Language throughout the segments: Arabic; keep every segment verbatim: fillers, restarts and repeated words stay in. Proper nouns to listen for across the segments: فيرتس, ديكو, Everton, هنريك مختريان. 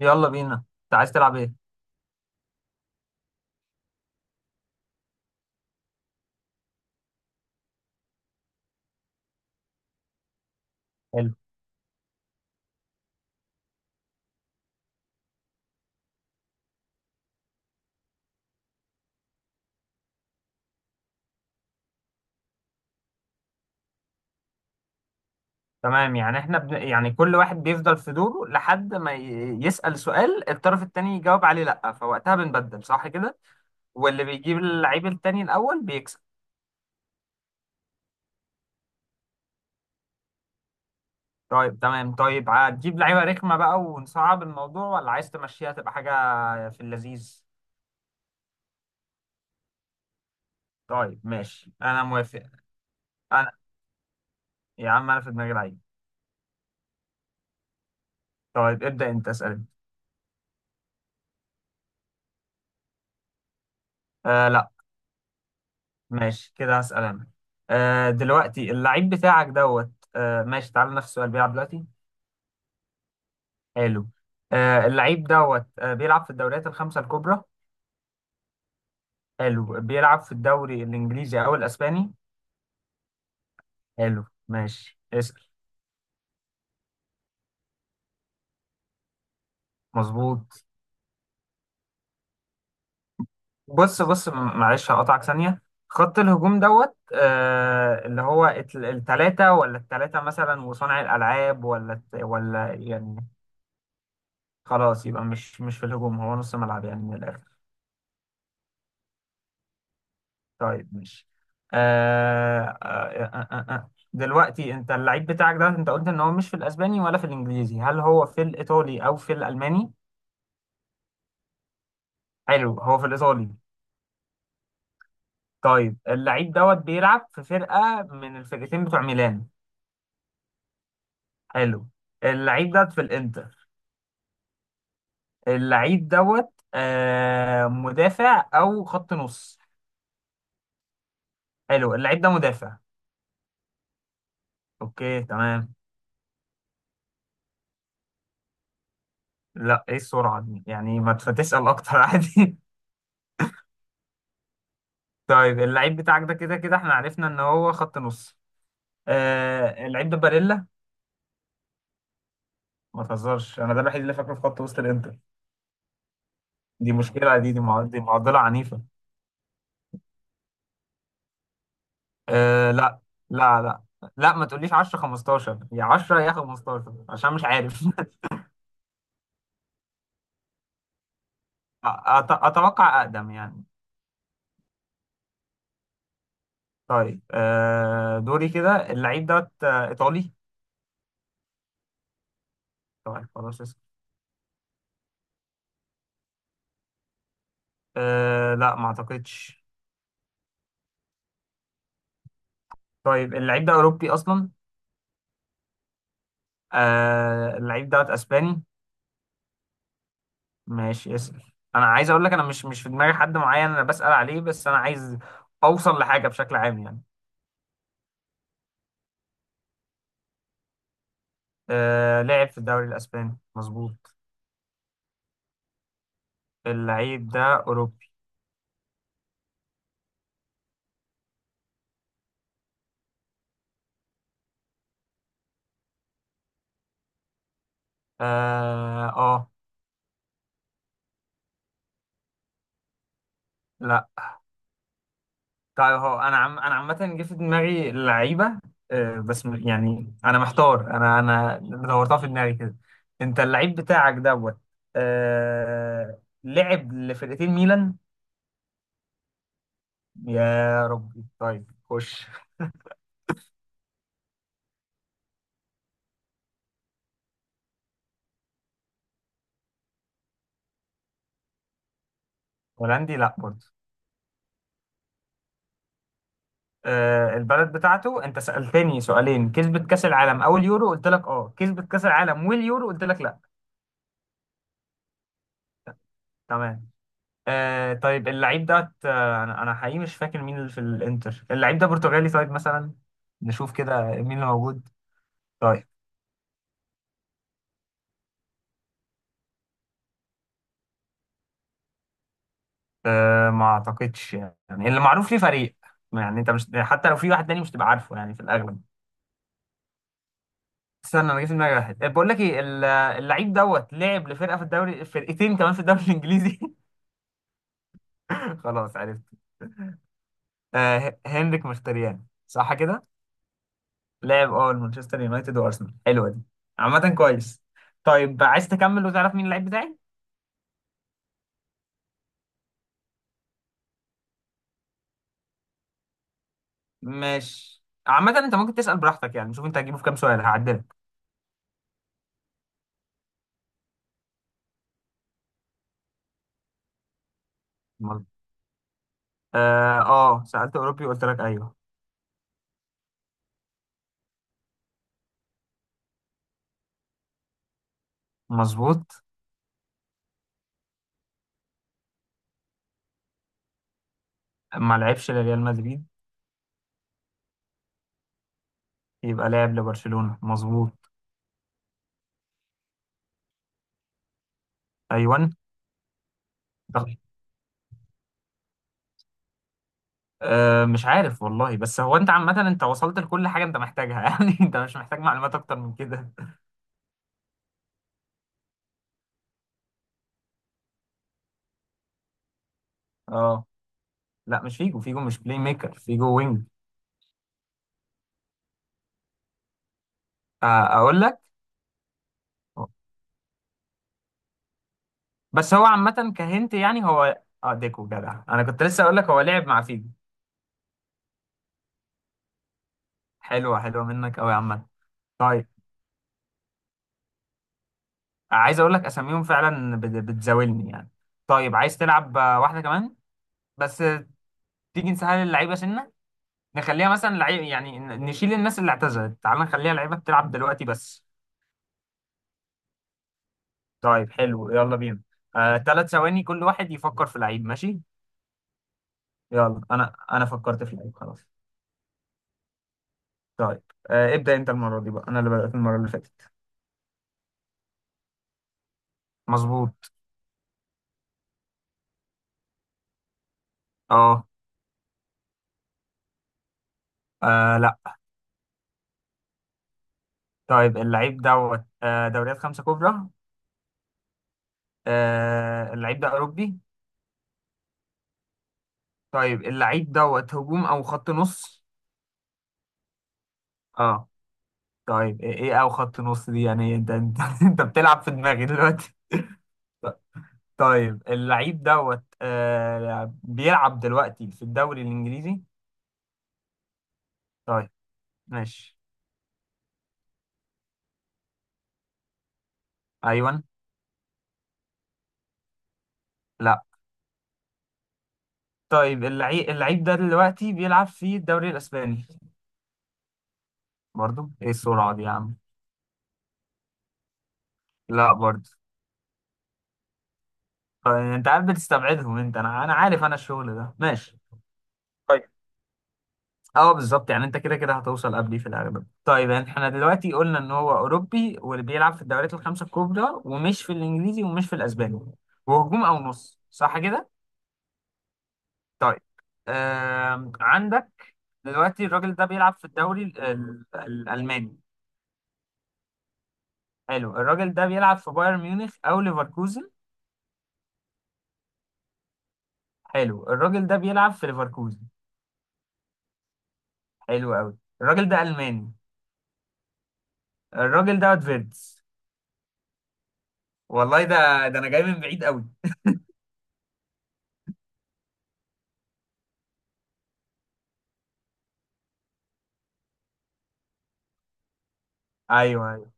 يلا بينا. انت عايز تلعب ايه؟ حلو. تمام، يعني احنا بن... يعني كل واحد بيفضل في دوره لحد ما ي- يسأل سؤال، الطرف التاني يجاوب عليه لأ، فوقتها بنبدل، صح كده؟ واللي بيجيب اللعيب التاني الأول بيكسب. طيب تمام. طيب هتجيب لعيبة رخمة بقى ونصعب الموضوع، ولا عايز تمشيها تبقى حاجة في اللذيذ؟ طيب ماشي أنا موافق. أنا... يا عم أنا في دماغي لعيب. طيب ابدأ أنت اسأل. آه لا. ماشي كده هسأل أنا. آه دلوقتي اللعيب بتاعك دوت آه، ماشي، تعال نفس السؤال: بيلعب دلوقتي. حلو. آه اللعيب دوت آه بيلعب في الدوريات الخمسة الكبرى. حلو. بيلعب في الدوري الإنجليزي أو الأسباني؟ حلو ماشي اسأل. مظبوط. بص بص م- معلش هقطعك ثانية. خط الهجوم دوت آه، اللي هو الت- التلاتة ولا التلاتة مثلا، وصانع الألعاب، ولا الت- ولا يعني... خلاص يبقى مش مش في الهجوم، هو نص ملعب يعني من الآخر. طيب ماشي. آه آه آه آه. آه، آه. دلوقتي انت اللعيب بتاعك ده، انت قلت ان هو مش في الاسباني ولا في الانجليزي، هل هو في الايطالي او في الالماني؟ حلو هو في الايطالي. طيب اللعيب دوت بيلعب في فرقة من الفرقتين بتوع ميلان. حلو. اللعيب ده في الانتر. اللعيب دوت آه، مدافع او خط نص. حلو اللعيب ده مدافع. اوكي تمام. لا، ايه السرعة دي؟ يعني ما تف- تسأل اكتر عادي. طيب اللعيب بتاعك ده، كده كده احنا عرفنا ان هو خط نص. آه اللعيب ده باريلا. ما تهزرش، انا ده الوحيد اللي فاكره في خط وسط الانتر. دي مشكله، دي دي مع- دي معضله عنيفه. آه لا. لا لا. لا ما تقوليش عشرة خمستاشر، يا عشر يا خمستاشر، عشان مش عارف. أت- اتوقع اقدم يعني. طيب آه دوري كده، اللعيب دوت آه، ايطالي؟ طيب خلاص اسكت. آه لا ما اعتقدش. طيب اللعيب ده اوروبي اصلا؟ آه اللعيب دوت اسباني؟ ماشي اسأل. انا عايز اقول لك، انا مش مش في دماغي حد معين انا بسأل عليه، بس انا عايز اوصل لحاجة بشكل عام يعني. آه لعب في الدوري الاسباني مظبوط. اللعيب ده اوروبي. اه, آه لا. طيب هو انا عم انا عامة جه في دماغي لعيبة. آه بس م- يعني انا محتار، انا انا دورتها في دماغي كده. انت اللعيب بتاعك دوت آه، لعب لفرقتين ميلان؟ يا ربي. طيب خش. هولندي لا برضه. آه، البلد بتاعته، انت سألتني سؤالين كسبت كأس العالم او اليورو قلت لك اه، كسبت كأس العالم واليورو قلت لك لا. تمام. آه طيب اللعيب ده آه، انا أنا حقيقي مش فاكر مين اللي في الانتر. اللعيب ده برتغالي طيب مثلا؟ نشوف كده مين اللي موجود. طيب آه ما اعتقدش يعني، اللي معروف ليه فريق، يعني انت مش حتى لو في واحد تاني مش تبقى عارفه يعني في الاغلب. استنى، انا جه في دماغي واحد. آه، بقول لك ايه، ال- اللعيب دوت لعب لفرقه في الدوري، فرقتين كمان في الدوري الانجليزي. خلاص عرفت. آه هنريك مختريان، صح كده؟ لاعب اه مانشستر يونايتد وارسنال. حلوه دي، عامة كويس. طيب عايز تكمل وتعرف مين اللعيب بتاعي؟ ماشي. عامة انت ممكن تسأل براحتك، يعني شوف انت هتجيبه في كام سؤال هعدلك. مظبوط. اه اه، سألت اوروبي وقلت لك ايوه. مظبوط. ما لعبش لريال مدريد. يبقى لاعب لبرشلونة مظبوط. ايوه. طب- آه مش عارف والله، بس هو انت عامة انت وصلت لكل حاجة انت محتاجها. يعني انت مش محتاج معلومات اكتر من كده. اه لا مش فيجو، فيجو مش بلاي ميكر، فيجو وينج. آه، اقول لك. بس هو عامة كهنت، يعني هو اه ديكو جدع، انا كنت لسه اقول لك هو لعب مع فيجو. حلوة حلوة منك قوي يا عم. طيب عايز اقول لك اساميهم فعلا بت- بتزاولني يعني. طيب عايز تلعب آه، واحدة كمان؟ بس آه، تيجي نسهل اللعيبة سنة، نخليها مثلا لعيب يعني ن- نشيل الناس اللي اعتزلت، تعال نخليها لعيبة بتلعب دلوقتي بس. طيب حلو يلا بينا. آه، ثلاث ثواني كل واحد يفكر في لعيب، ماشي. يلا انا انا فكرت في لعيب خلاص. طيب آه ابدأ انت المرة دي بقى، انا اللي بدأت المرة اللي فاتت. مظبوط. اه. آه، لا. طيب اللعيب دوت آه، دوريات خمسة كبرى. آه اللعيب ده أوروبي. طيب اللعيب دوت هجوم او خط نص. اه. طيب ايه إيه او خط نص دي؟ يعني انت انت, انت بتلعب في دماغي دلوقتي. طيب اللعيب دوت آه، بيلعب دلوقتي في الدوري الإنجليزي؟ طيب ماشي. ايوه. لا. طيب اللعيب اللعيب ده دلوقتي بيلعب في الدوري الإسباني؟ برضو ايه السرعة دي يا عم. لا برضو. طيب، انت عارف بتستبعدهم، انت انا انا عارف انا الشغل ده ماشي. طيب. اه بالظبط، يعني انت كده كده هتوصل قبلي في الاغلب. طيب يعني احنا دلوقتي قلنا ان هو اوروبي، واللي بيلعب في الدوريات الخمسة الكبرى، ومش في الانجليزي ومش في الاسباني، وهجوم او نص، صح كده؟ طيب آم، عندك. دلوقتي الراجل ده بيلعب في الدوري ال- ال- الالماني. حلو. الراجل ده بيلعب في بايرن ميونخ او ليفركوزن. حلو الراجل ده بيلعب في ليفركوزن. حلو قوي. الراجل ده ألماني. الراجل ده فيرتس. والله ده، ده انا جاي من بعيد قوي. ايوه ايوه.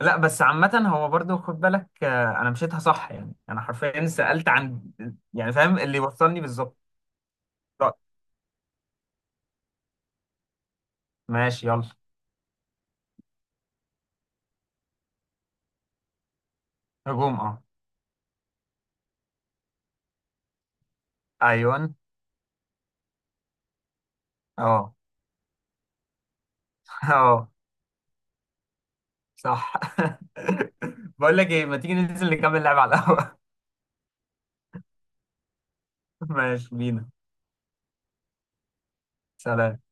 لا بس عامة هو برضو خد بالك آه، انا مشيتها صح، يعني انا حرفيا سألت عن، يعني فاهم اللي وصلني بالظبط. طيب، ماشي يلا. هجوم اه. ايوه اه. اه صح. بقول لك ايه، ما تيجي ننزل نكمل لعب على القهوة؟ ماشي بينا. سلام.